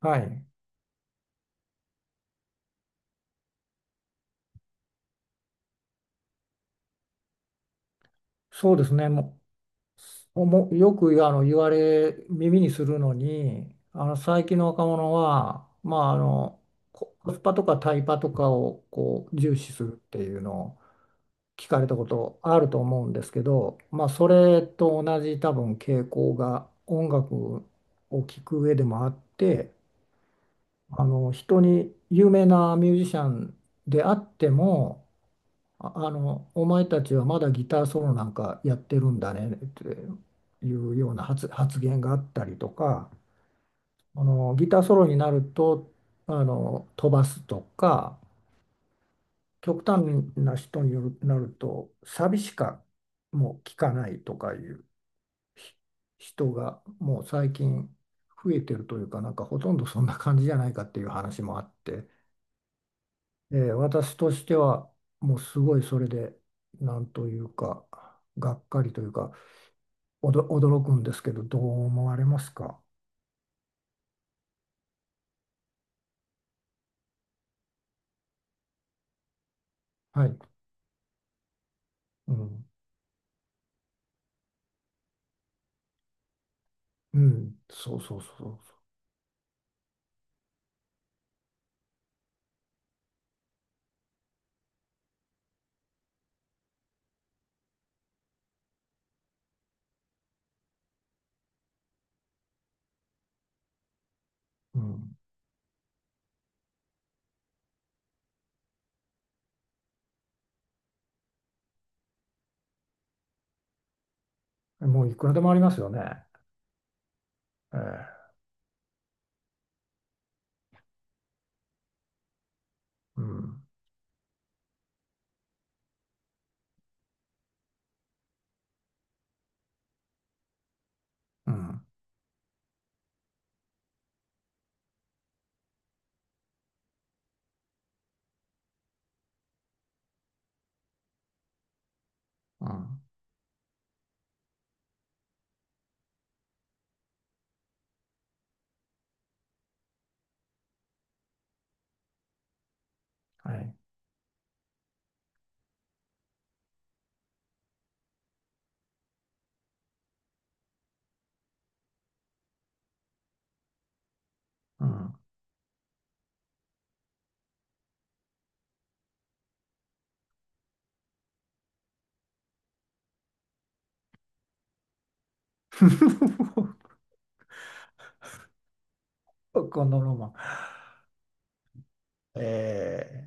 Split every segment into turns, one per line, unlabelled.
はい、そうですね、もうよく言われ、耳にするのに、あの最近の若者は、まあ、あのココスパとかタイパとかをこう重視するっていうのを聞かれたことあると思うんですけど、まあ、それと同じ多分傾向が音楽を聴く上でもあって、あの人に有名なミュージシャンであっても、お前たちはまだギターソロなんかやってるんだねっていうような発言があったりとか、あの、ギターソロになると、あの、飛ばすとか、極端な人による、なると、サビしかもう聞かないとかいうひ人がもう最近増えてるというか、なんかほとんどそんな感じじゃないかっていう話もあって、私としてはもうすごいそれでなんというかがっかりというか驚くんですけど、どう思われますか？はい、うん、うん、そうそうそうそう、うん、もういくらでもありますよね。えーうん、うん、うん、はい、うん。このロマン。え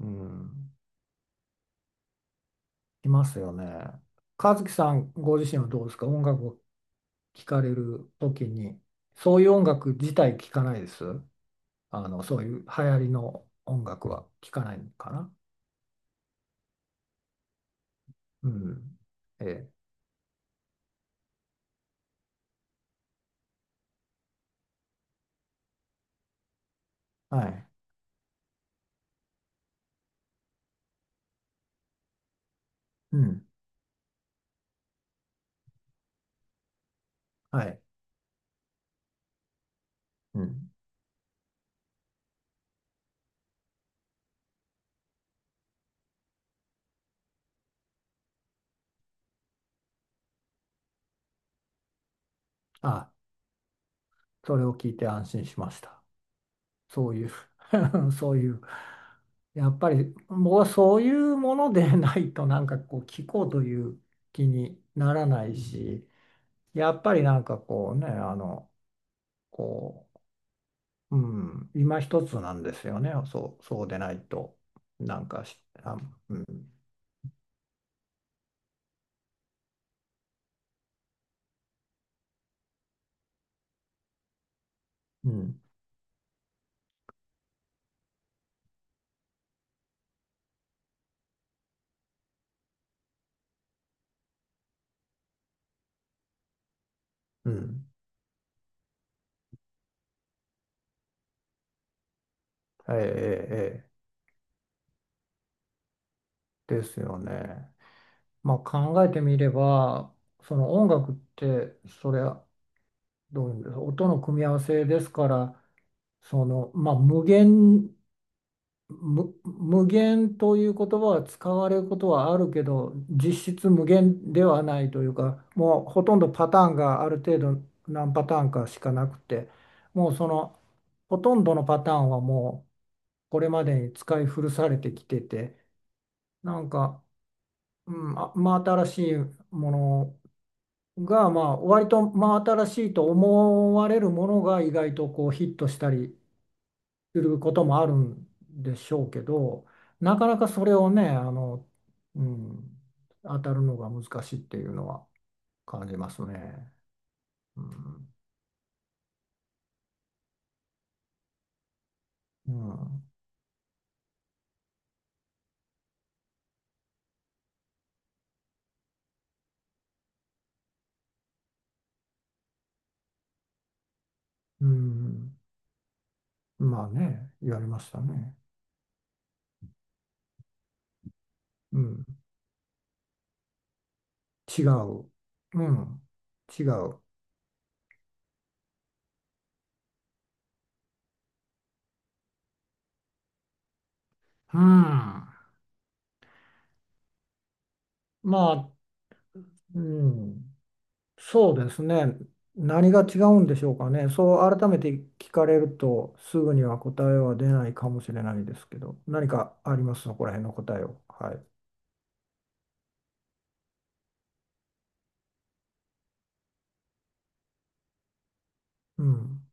うん、いますよね。和樹さんご自身はどうですか、音楽聞かれる時に。そういう音楽自体聞かないです。あの、そういう流行りの音楽は聞かないのかな。うん。ええ、はい。うん。はい。うん。あ、それを聞いて安心しました。そういう、 そういう。やっぱり僕はそういうものでないとなんかこう聞こうという気にならないし、やっぱりなんかこうね、あの、こう、うん、今一つなんですよね。そうでないと、なんかし、あ、うん、うん、うん、ええ、ええ、ええですよね。まあ考えてみれば、その音楽って、それはどういうんですか、音の組み合わせですから、その、まあ無限という言葉は使われることはあるけど、実質無限ではないというか、もうほとんどパターンがある程度何パターンかしかなくて、もうそのほとんどのパターンはもうこれまでに使い古されてきてて、なんか、うん、真新しいものが、まあ割と真新しいと思われるものが意外とこうヒットしたりすることもあるんでしょうけど、なかなかそれをね、あの、うん、当たるのが難しいっていうのは感じますね。うん、うん、うん、まあね、言われましたね。うん、違う。うん、違う。うん、まあ、うん。そうですね。何が違うんでしょうかね。そう改めて聞かれるとすぐには答えは出ないかもしれないですけど、何かありますそこら辺の答えを。はい。うん。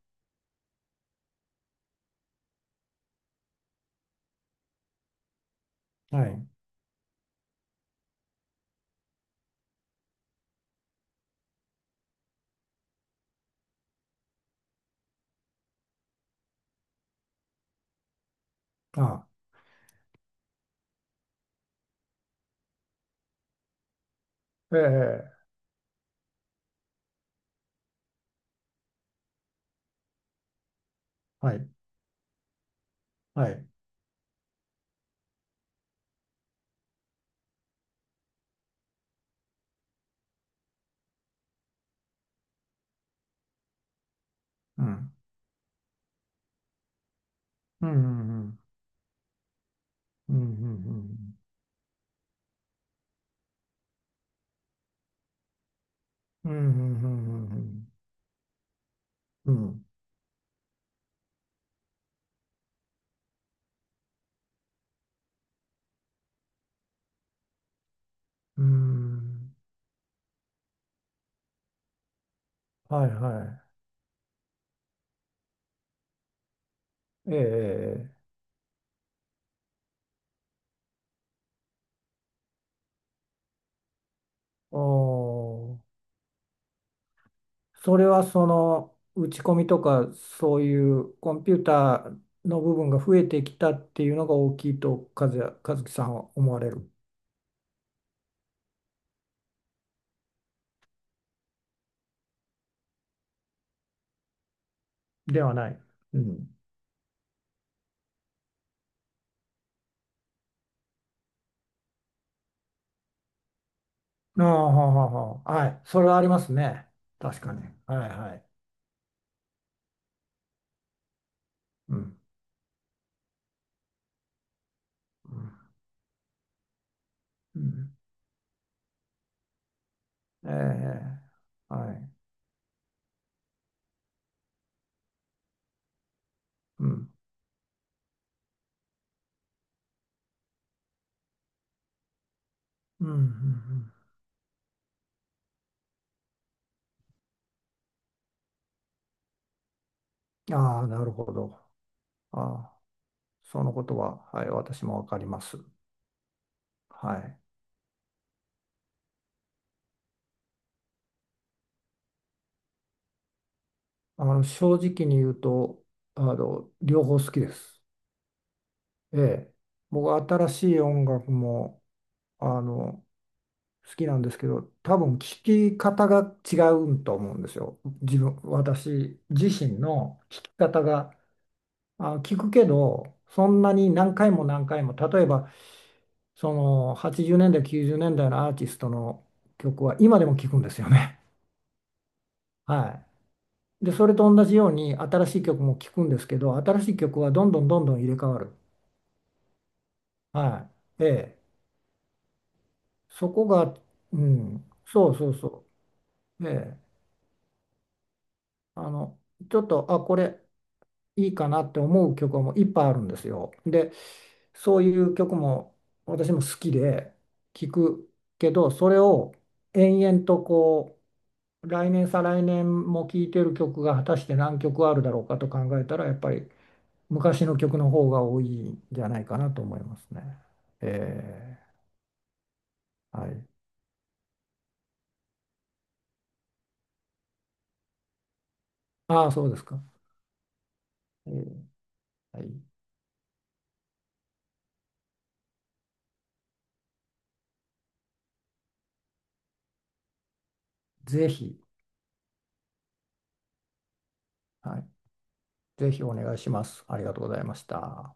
はい。あ、ええ、はい。はい。うん。うん。うん。うん。うん。うん。うん。うん。うん。うん。はい。はい。ええ。おそれはその打ち込みとかそういうコンピューターの部分が増えてきたっていうのが大きいと、和樹さんは思われる。ではない。うん。ああ、はあはあはあ、はい。それはありますね。確かに。はいはい。うん。うん。うん、ええ、はい。うん。うん。うんうん、ああ、なるほど。ああ、そのことは、はい、私もわかります。はい。あの、正直に言うと、あの、両方好きです。ええ、僕新しい音楽もあの好きなんですけど、多分聴き方が違うと思うんですよ、私自身の聴き方が、聞くけど、そんなに何回も何回も、例えばその80年代90年代のアーティストの曲は今でも聴くんですよね。はい、でそれと同じように新しい曲も聴くんですけど、新しい曲はどんどんどんどん入れ替わる。はい、ええ、そこが、うん、そうそうそう。ええ、あのちょっとこれいいかなって思う曲はもういっぱいあるんですよ。でそういう曲も私も好きで聴くけど、それを延々とこう来年再来年も聴いてる曲が果たして何曲あるだろうかと考えたらやっぱり昔の曲の方が多いんじゃないかなと思いますね。ええ、はい、ああそうですか。ええ、はい、ぜひ、はい、ぜひお願いします。ありがとうございました。